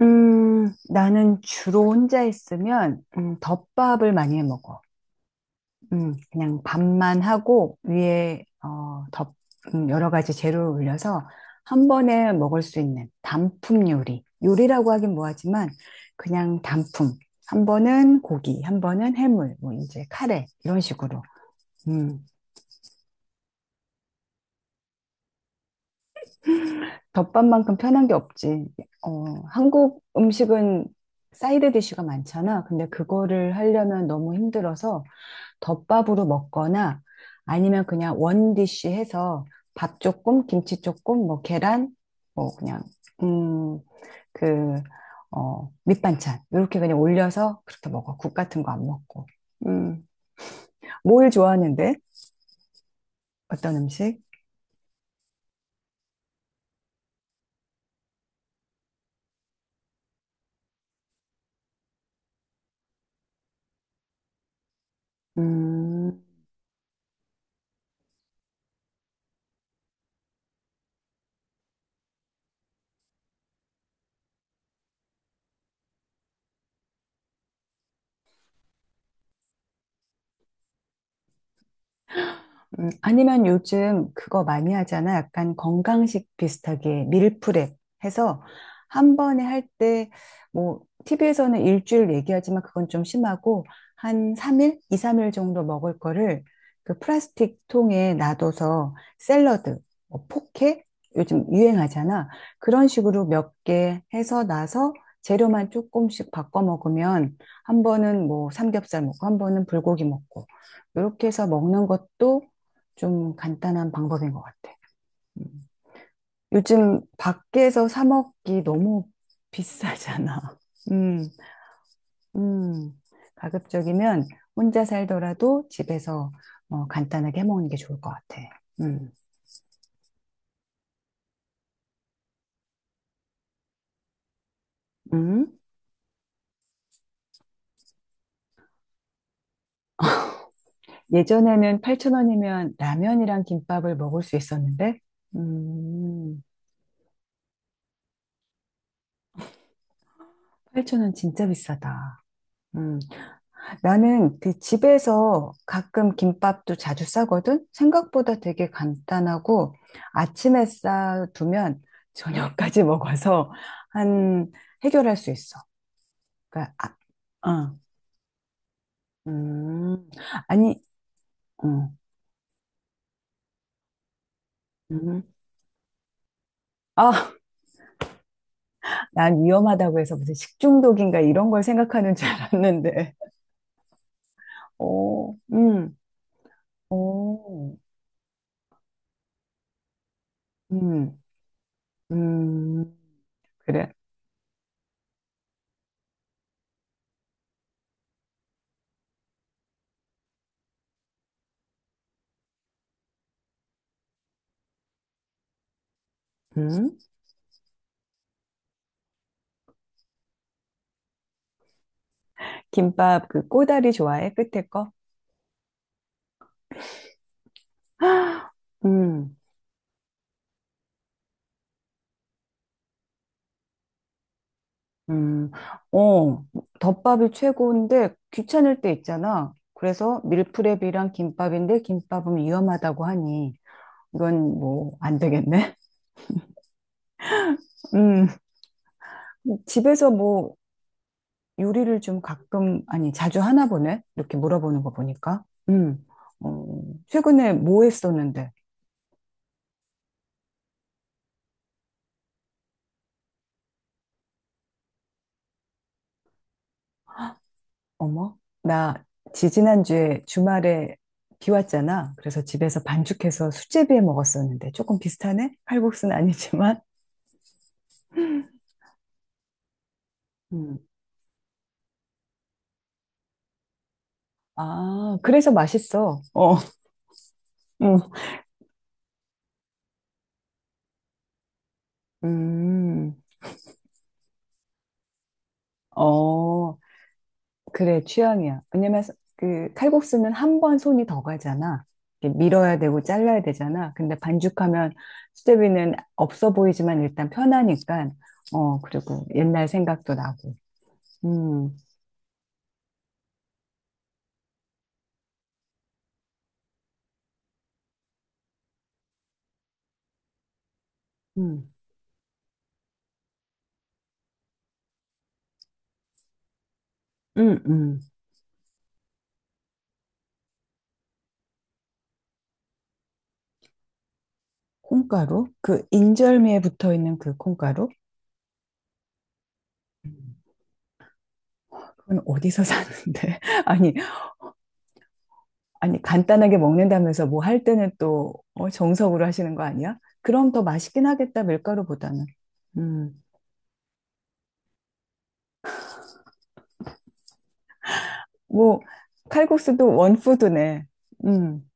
나는 주로 혼자 있으면, 덮밥을 많이 해 먹어. 그냥 밥만 하고, 위에, 덮, 여러 가지 재료를 올려서 한 번에 먹을 수 있는 단품 요리. 요리라고 하긴 뭐하지만, 그냥 단품. 한 번은 고기, 한 번은 해물, 뭐, 이제 카레, 이런 식으로. 음. 덮밥만큼 편한 게 없지. 어, 한국 음식은 사이드 디쉬가 많잖아. 근데 그거를 하려면 너무 힘들어서, 덮밥으로 먹거나 아니면 그냥 원디쉬 해서 밥 조금, 김치 조금, 뭐 계란, 뭐 그냥 음, 그, 밑반찬 이렇게 그냥 올려서 그렇게 먹어. 국 같은 거 안 먹고. 음. 뭘 좋아하는데? 어떤 음식? 음. 아니면 요즘 그거 많이 하잖아. 약간 건강식 비슷하게 밀프렙 해서 한 번에 할 때, 뭐, TV에서는 일주일 얘기하지만 그건 좀 심하고, 한 3일? 2, 3일 정도 먹을 거를 그 플라스틱 통에 놔둬서 샐러드, 뭐 포케? 요즘 유행하잖아. 그런 식으로 몇 개 해서 나서 재료만 조금씩 바꿔 먹으면 한 번은 뭐 삼겹살 먹고, 한 번은 불고기 먹고, 이렇게 해서 먹는 것도 좀 간단한 방법인 것 같아. 음. 요즘 밖에서 사 먹기 너무 비싸잖아. 음. 음. 가급적이면 혼자 살더라도 집에서 어, 간단하게 해 먹는 게 좋을 것 같아. 음. 음. 예전에는 8,000원이면 라면이랑 김밥을 먹을 수 있었는데, 음, 8,000원 진짜 비싸다. 음. 나는 그 집에서 가끔 김밥도 자주 싸거든? 생각보다 되게 간단하고 아침에 싸두면 저녁까지 먹어서 한, 해결할 수 있어. 그러니까, 아, 어. 음. 아니. 음. 음. 아, 난 위험하다고 해서 무슨 식중독인가 이런 걸 생각하는 줄 알았는데. 오. 음. 오. 음. 음. 그래. 음. 김밥 그 꼬다리 좋아해? 끝에 거? 음, 음. 어, 덮밥이 최고인데 귀찮을 때 있잖아. 그래서 밀프렙이랑 김밥인데 김밥은 위험하다고 하니 이건 뭐 안 되겠네. 음, 집에서 뭐 요리를 좀 가끔, 아니 자주 하나 보네? 이렇게 물어보는 거 보니까. 음, 어. 최근에 뭐 했었는데? 어머, 나 지지난주에 주말에 비 왔잖아. 그래서 집에서 반죽해서 수제비에 먹었었는데 조금 비슷하네? 칼국수는 아니지만. 음. 아, 그래서 맛있어. 어. 음, 음, 어, 그래, 취향이야. 왜냐면 그 칼국수는 한 번 손이 더 가잖아. 이렇게 밀어야 되고 잘라야 되잖아. 근데 반죽하면 수제비는 없어 보이지만 일단 편하니까. 어, 그리고 옛날 생각도 나고. 음, 음, 음, 음. 콩가루? 그 인절미에 붙어 있는 그 콩가루? 음. 그건 어디서 사는데? 아니, 아니, 간단하게 먹는다면서 뭐 할 때는 또 어, 정석으로 하시는 거 아니야? 그럼 더 맛있긴 하겠다, 밀가루보다는. 음. 뭐, 칼국수도 원푸드네. 음.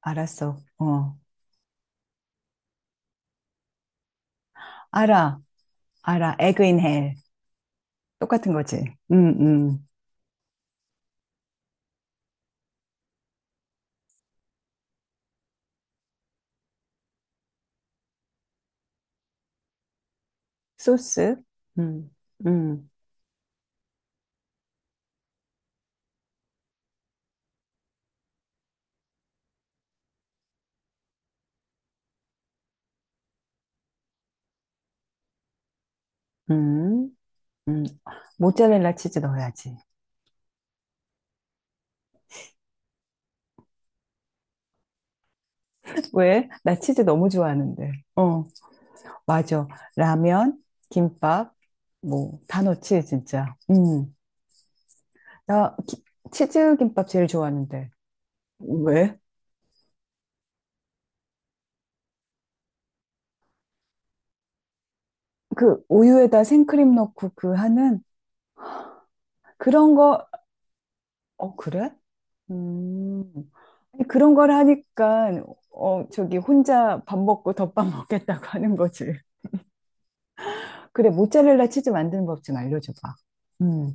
알았어. 어. 알아, 알아. 에그 인 헬. 똑같은 거지. 음. 음. 소스. 음, 음, 음, 음. 모짜렐라 치즈 넣어야지. 왜? 나 치즈 너무 좋아하는데. 어, 맞아. 라면, 김밥, 뭐, 다 넣지, 진짜. 음. 나 기- 치즈 김밥 제일 좋아하는데. 왜? 그 우유에다 생크림 넣고 그 하는 그런 거, 어, 그래? 음. 아니, 그런 걸 하니까, 어, 저기 혼자 밥 먹고 덮밥 먹겠다고 하는 거지. 그래, 모짜렐라 치즈 만드는 법 좀 알려줘봐. 음.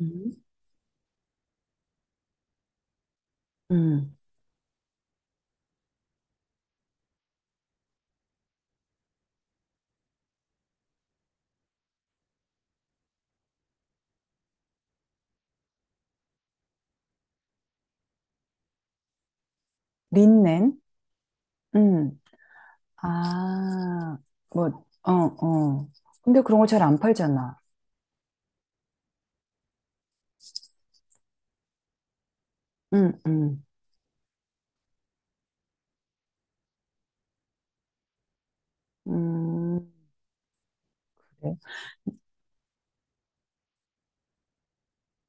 음. 음. 린넨? 음. 아, 뭐, 어, 어. 근데 그런 거 잘 안 팔잖아. 응, 응. 음, 그래.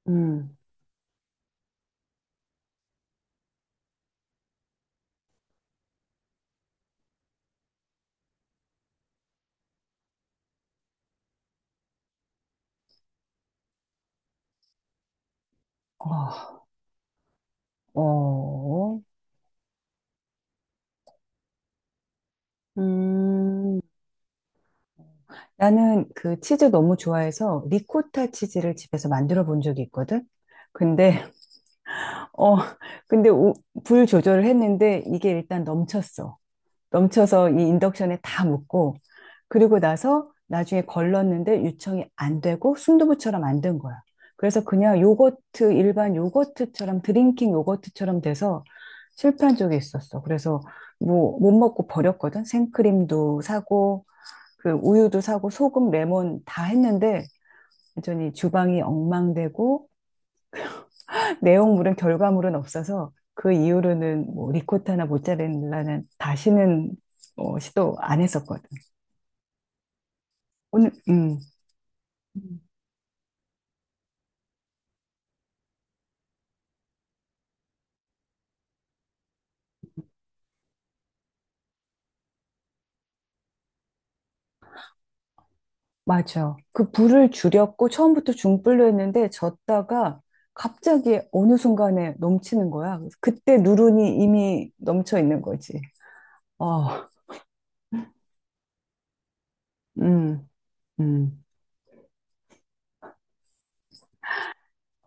음, 어, 어. 음. 나는 그 치즈 너무 좋아해서 리코타 치즈를 집에서 만들어 본 적이 있거든? 근데, 어, 근데 우- 불 조절을 했는데 이게 일단 넘쳤어. 넘쳐서 이 인덕션에 다 묻고 그리고 나서 나중에 걸렀는데 유청이 안 되고 순두부처럼 안 된 거야. 그래서 그냥 요거트 일반 요거트처럼 드링킹 요거트처럼 돼서 실패한 적이 있었어. 그래서 뭐 못 먹고 버렸거든. 생크림도 사고 그 우유도 사고 소금, 레몬 다 했는데 완전히 주방이 엉망되고 내용물은 결과물은 없어서 그 이후로는 뭐 리코타나 모짜렐라는 다시는 어, 시도 안 했었거든. 오늘. 음. 음. 맞아. 그 불을 줄였고 처음부터 중불로 했는데 졌다가 갑자기 어느 순간에 넘치는 거야. 그래서 그때 누run이 이미 넘쳐 있는 거지. 어. 음, 음.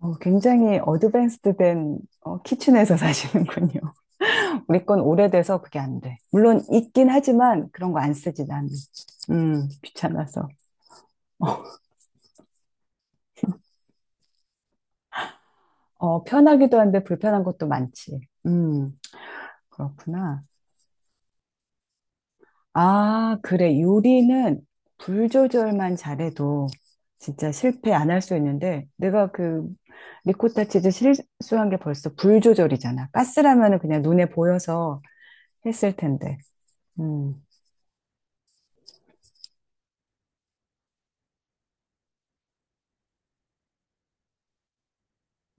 어, 굉장히 어드밴스드 된 어, 키친에서 사시는군요. 우리 건 오래돼서 그게 안 돼. 물론 있긴 하지만 그런 거 안 쓰지, 나는. 귀찮아서. 어, 편하기도 한데 불편한 것도 많지. 음. 그렇구나. 아, 그래. 요리는 불 조절만 잘해도 진짜 실패 안 할 수 있는데, 내가 그 리코타 치즈 실수한 게 벌써 불 조절이잖아. 가스라면은 그냥 눈에 보여서 했을 텐데. 음.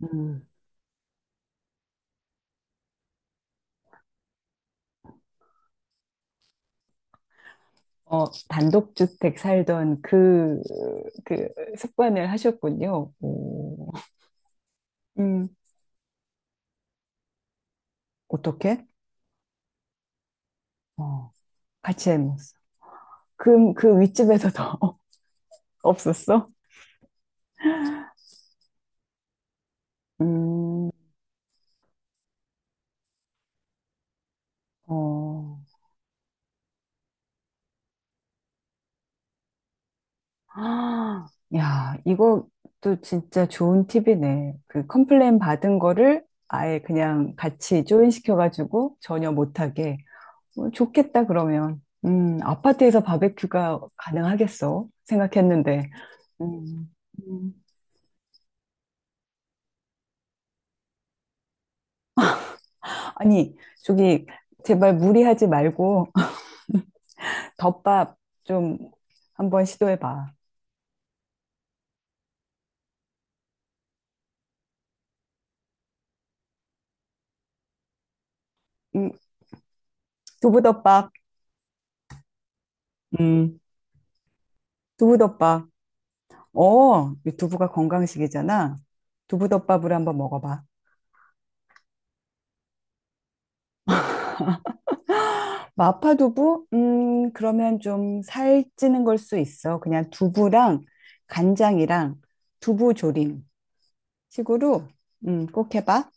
음. 어, 단독주택 살던 그, 그 습관을 하셨군요. 오. 음, 어떻게? 어, 같이 해 먹었어. 그, 그 윗집에서 더 없었어? 음. 어. 아, 야, 이것도 진짜 좋은 팁이네. 그 컴플레인 받은 거를 아예 그냥 같이 조인시켜가지고 전혀 못하게. 어, 좋겠다, 그러면. 아파트에서 바베큐가 가능하겠어? 생각했는데. 음. 음. 아니, 저기, 제발 무리하지 말고, 덮밥 좀 한번 시도해봐. 음, 두부덮밥. 음, 두부덮밥. 어, 이 두부가 건강식이잖아. 두부덮밥으로 한번 먹어봐. 마파두부? 그러면 좀 살찌는 걸 수 있어. 그냥 두부랑 간장이랑 두부조림 식으로 꼭 해봐.